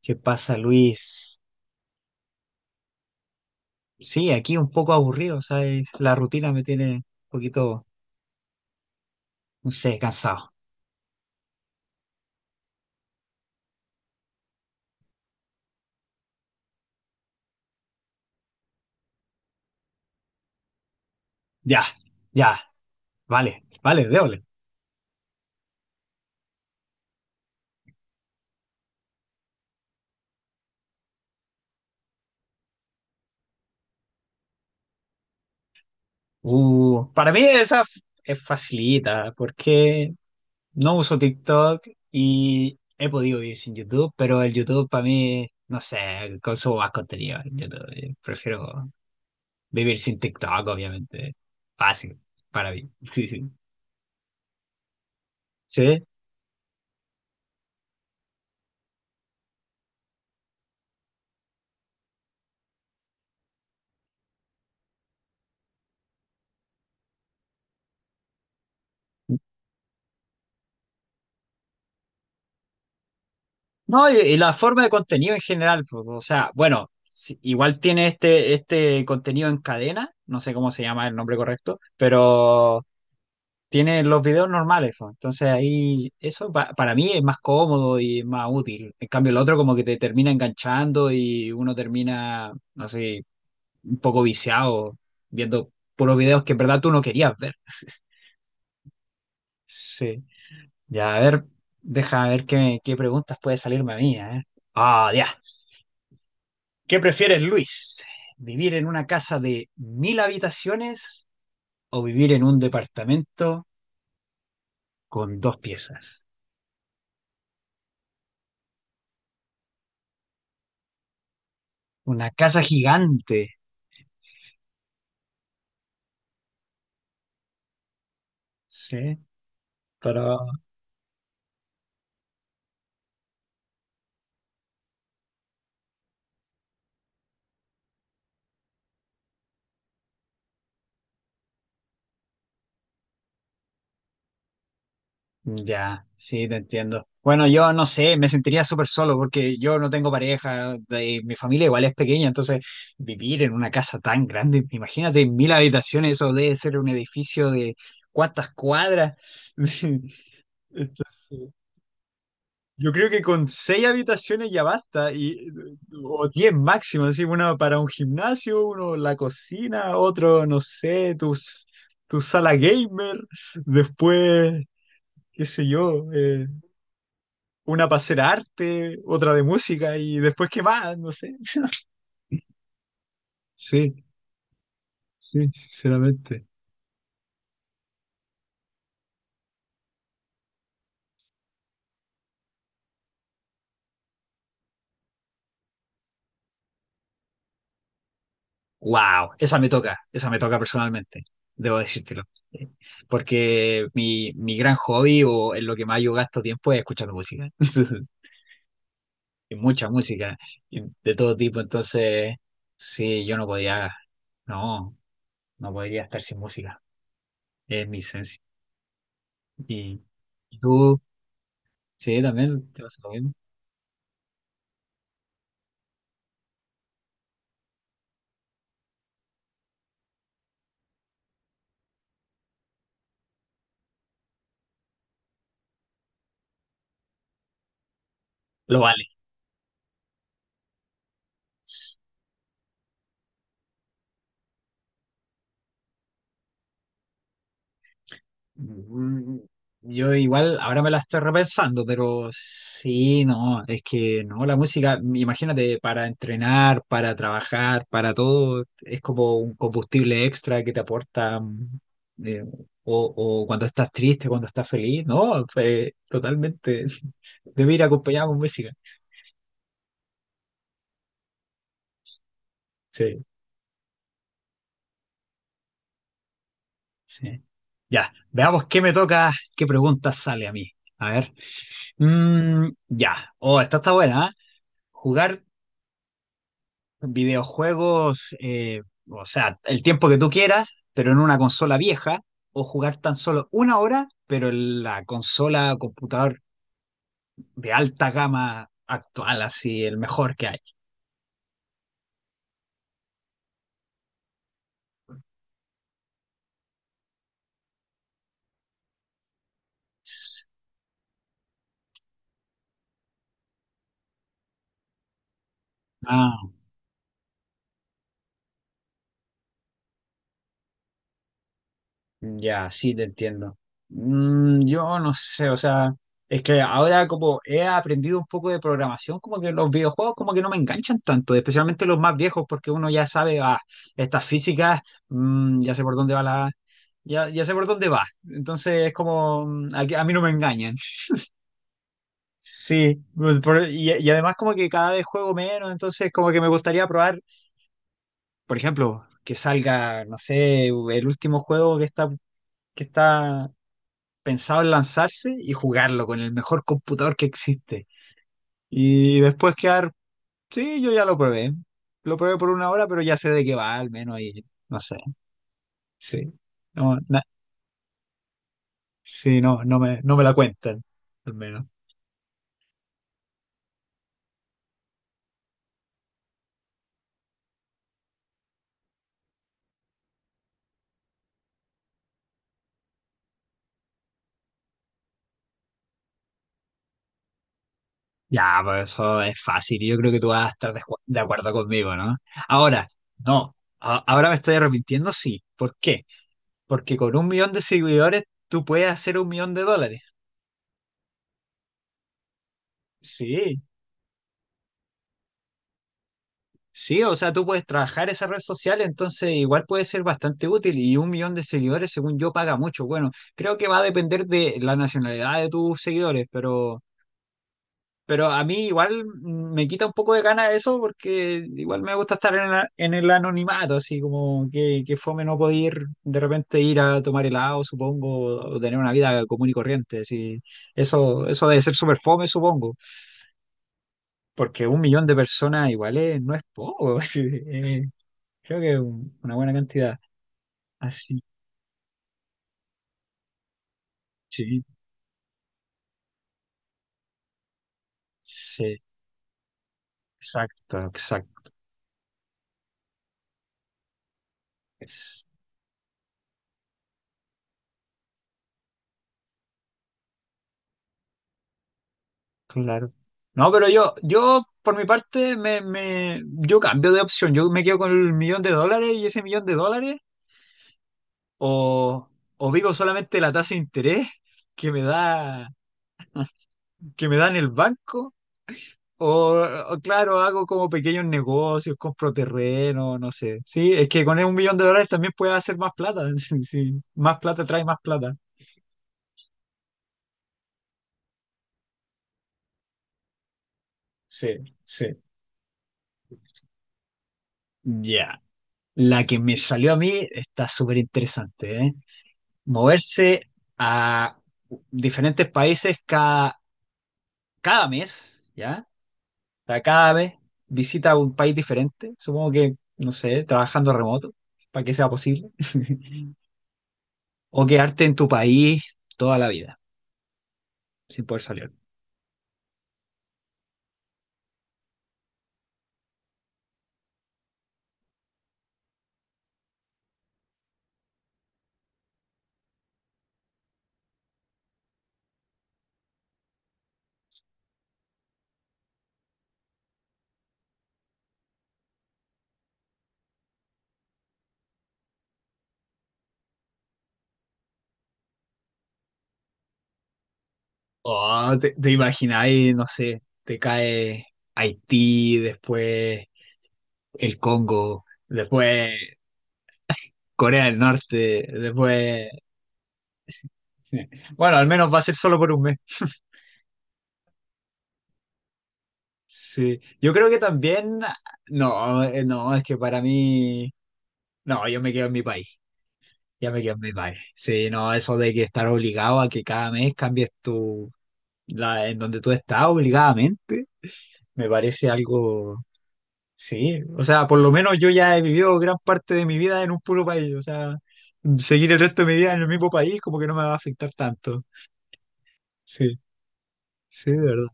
¿Qué pasa, Luis? Sí, aquí un poco aburrido, o sea, la rutina me tiene un poquito, no sé, cansado. Ya, ya, vale, vale, déjole. Para mí esa es facilita, porque no uso TikTok y he podido vivir sin YouTube, pero el YouTube para mí, no sé, consumo más contenido en YouTube. Prefiero vivir sin TikTok, obviamente. Fácil, para mí. ¿Sí? ¿Sí? No, y la forma de contenido en general, pues, o sea, bueno, igual tiene este, este contenido en cadena, no sé cómo se llama el nombre correcto, pero tiene los videos normales, pues, entonces ahí eso para mí es más cómodo y es más útil. En cambio, el otro como que te termina enganchando y uno termina, no sé, un poco viciado viendo puros videos que en verdad tú no querías ver. Sí, ya, a ver, deja ver qué preguntas puede salirme a mí, ¿eh? Ah, ya. ¿Qué prefieres, Luis? ¿Vivir en una casa de 1000 habitaciones o vivir en un departamento con dos piezas? Una casa gigante, ¿sí? Pero ya, sí, te entiendo. Bueno, yo no sé, me sentiría súper solo porque yo no tengo pareja, mi familia igual es pequeña, entonces vivir en una casa tan grande, imagínate 1000 habitaciones, eso debe ser un edificio de cuántas cuadras. Entonces, yo creo que con 6 habitaciones ya basta, y, o 10 máximo, así, una para un gimnasio, uno la cocina, otro, no sé, tu sala gamer, después, qué sé yo, una para hacer arte, otra de música, y después qué más, no sé. Sí, sí, sinceramente. Wow, esa me toca personalmente, debo decírtelo. Porque mi gran hobby o en lo que más yo gasto tiempo es escuchando música. Y mucha música y de todo tipo. Entonces, sí, yo no podía, no, no podría estar sin música. Es mi esencia. Y, y tú, sí, también te pasa lo mismo. Lo vale. Mm, yo igual ahora me la estoy repensando, pero sí, no, es que no, la música, imagínate, para entrenar, para trabajar, para todo, es como un combustible extra que te aporta, eh, o, o cuando estás triste, cuando estás feliz, no, pues, totalmente, debe ir acompañado con música. Sí, sí. Ya, veamos qué me toca, qué pregunta sale a mí. A ver, mm, ya, oh, esta está buena, ¿ah? Jugar videojuegos, o sea, el tiempo que tú quieras, pero en una consola vieja, o jugar tan solo 1 hora, pero en la consola, o computador de alta gama actual, así, el mejor que hay. Ah, ya, sí, te entiendo. Mm, yo no sé, o sea, es que ahora como he aprendido un poco de programación, como que los videojuegos como que no me enganchan tanto, especialmente los más viejos, porque uno ya sabe, ah, estas físicas, mm, ya sé por dónde va la... Ya, ya sé por dónde va. Entonces es como, mm, a mí no me engañan. Sí, pues, y además como que cada vez juego menos, entonces como que me gustaría probar, por ejemplo, que salga, no sé, el último juego que está pensado en lanzarse y jugarlo con el mejor computador que existe. Y después quedar, sí, yo ya lo probé. Lo probé por 1 hora, pero ya sé de qué va, al menos, y no sé. Sí. No, sí, no, no me la cuentan, al menos. Ya, pues eso es fácil. Y yo creo que tú vas a estar de acuerdo conmigo, ¿no? Ahora, no. Ahora me estoy arrepintiendo, sí. ¿Por qué? Porque con 1 millón de seguidores tú puedes hacer 1 millón de dólares. Sí. Sí, o sea, tú puedes trabajar esa red social, entonces igual puede ser bastante útil y 1 millón de seguidores, según yo, paga mucho. Bueno, creo que va a depender de la nacionalidad de tus seguidores, pero a mí igual me quita un poco de gana eso porque igual me gusta estar en, en el anonimato, así como que fome no poder ir, de repente ir a tomar helado, supongo, o tener una vida común y corriente. Así. Eso debe ser súper fome, supongo, porque 1 millón de personas igual no es poco. Así, eh. Creo que una buena cantidad. Así, sí, sí, exacto, exacto. Es claro. No, pero yo por mi parte, yo cambio de opción. Yo me quedo con el 1 millón de dólares y ese 1 millón de dólares, o, o vivo solamente la tasa de interés que me da, que me da en el banco, o, o claro, hago como pequeños negocios, compro terreno, no sé. Sí, es que con 1 millón de dólares también puedes hacer más plata. Sí, sí. Más plata trae más plata. Sí, sí. Ya, la que me salió a mí está súper interesante, ¿eh? Moverse a diferentes países cada mes, ¿ya? O sea, cada vez visita un país diferente, supongo que, no sé, trabajando remoto, para que sea posible. O quedarte en tu país toda la vida, sin poder salir. Oh, te imagináis, no sé, te cae Haití, después el Congo, después Corea del Norte, después Bueno, al menos va a ser solo por un mes. Sí. Yo creo que también. No, no, es que para mí. No, yo me quedo en mi país. Ya me quedo en mi país. Sí, no, eso de que estar obligado a que cada mes cambies tu. La, en donde tú estás obligadamente, me parece algo. Sí, o sea, por lo menos yo ya he vivido gran parte de mi vida en un puro país. O sea, seguir el resto de mi vida en el mismo país, como que no me va a afectar tanto. Sí, sí, de verdad.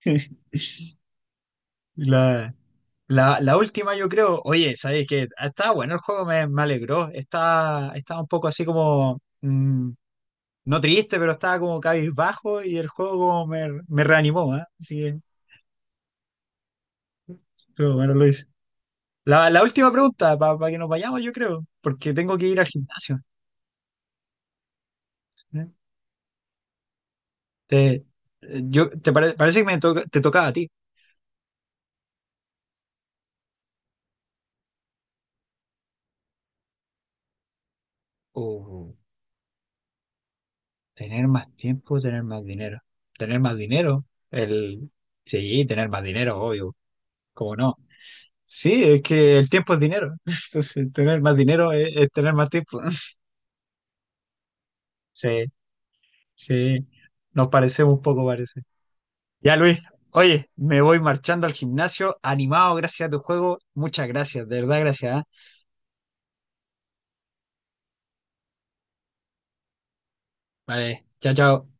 Sí. La- la última, yo creo, oye, ¿sabes qué? Está bueno el juego, me alegró. Está, estaba un poco así como, mm, no triste, pero estaba como cabizbajo y el juego como me reanimó, ¿eh? Así que, pero bueno, Luis. La última pregunta, para que nos vayamos, yo creo, porque tengo que ir al gimnasio. ¿Eh? Te, yo, te parece que me te tocaba a ti. Oh, tener más tiempo, tener más dinero. Tener más dinero, el... Sí, tener más dinero, obvio. ¿Cómo no? Sí, es que el tiempo es dinero. Entonces, tener más dinero es tener más tiempo. Sí, sí. Nos parecemos un poco, parece. Ya, Luis. Oye, me voy marchando al gimnasio, animado gracias a tu juego. Muchas gracias, de verdad, gracias. ¿Ah? Vale, chao, chao.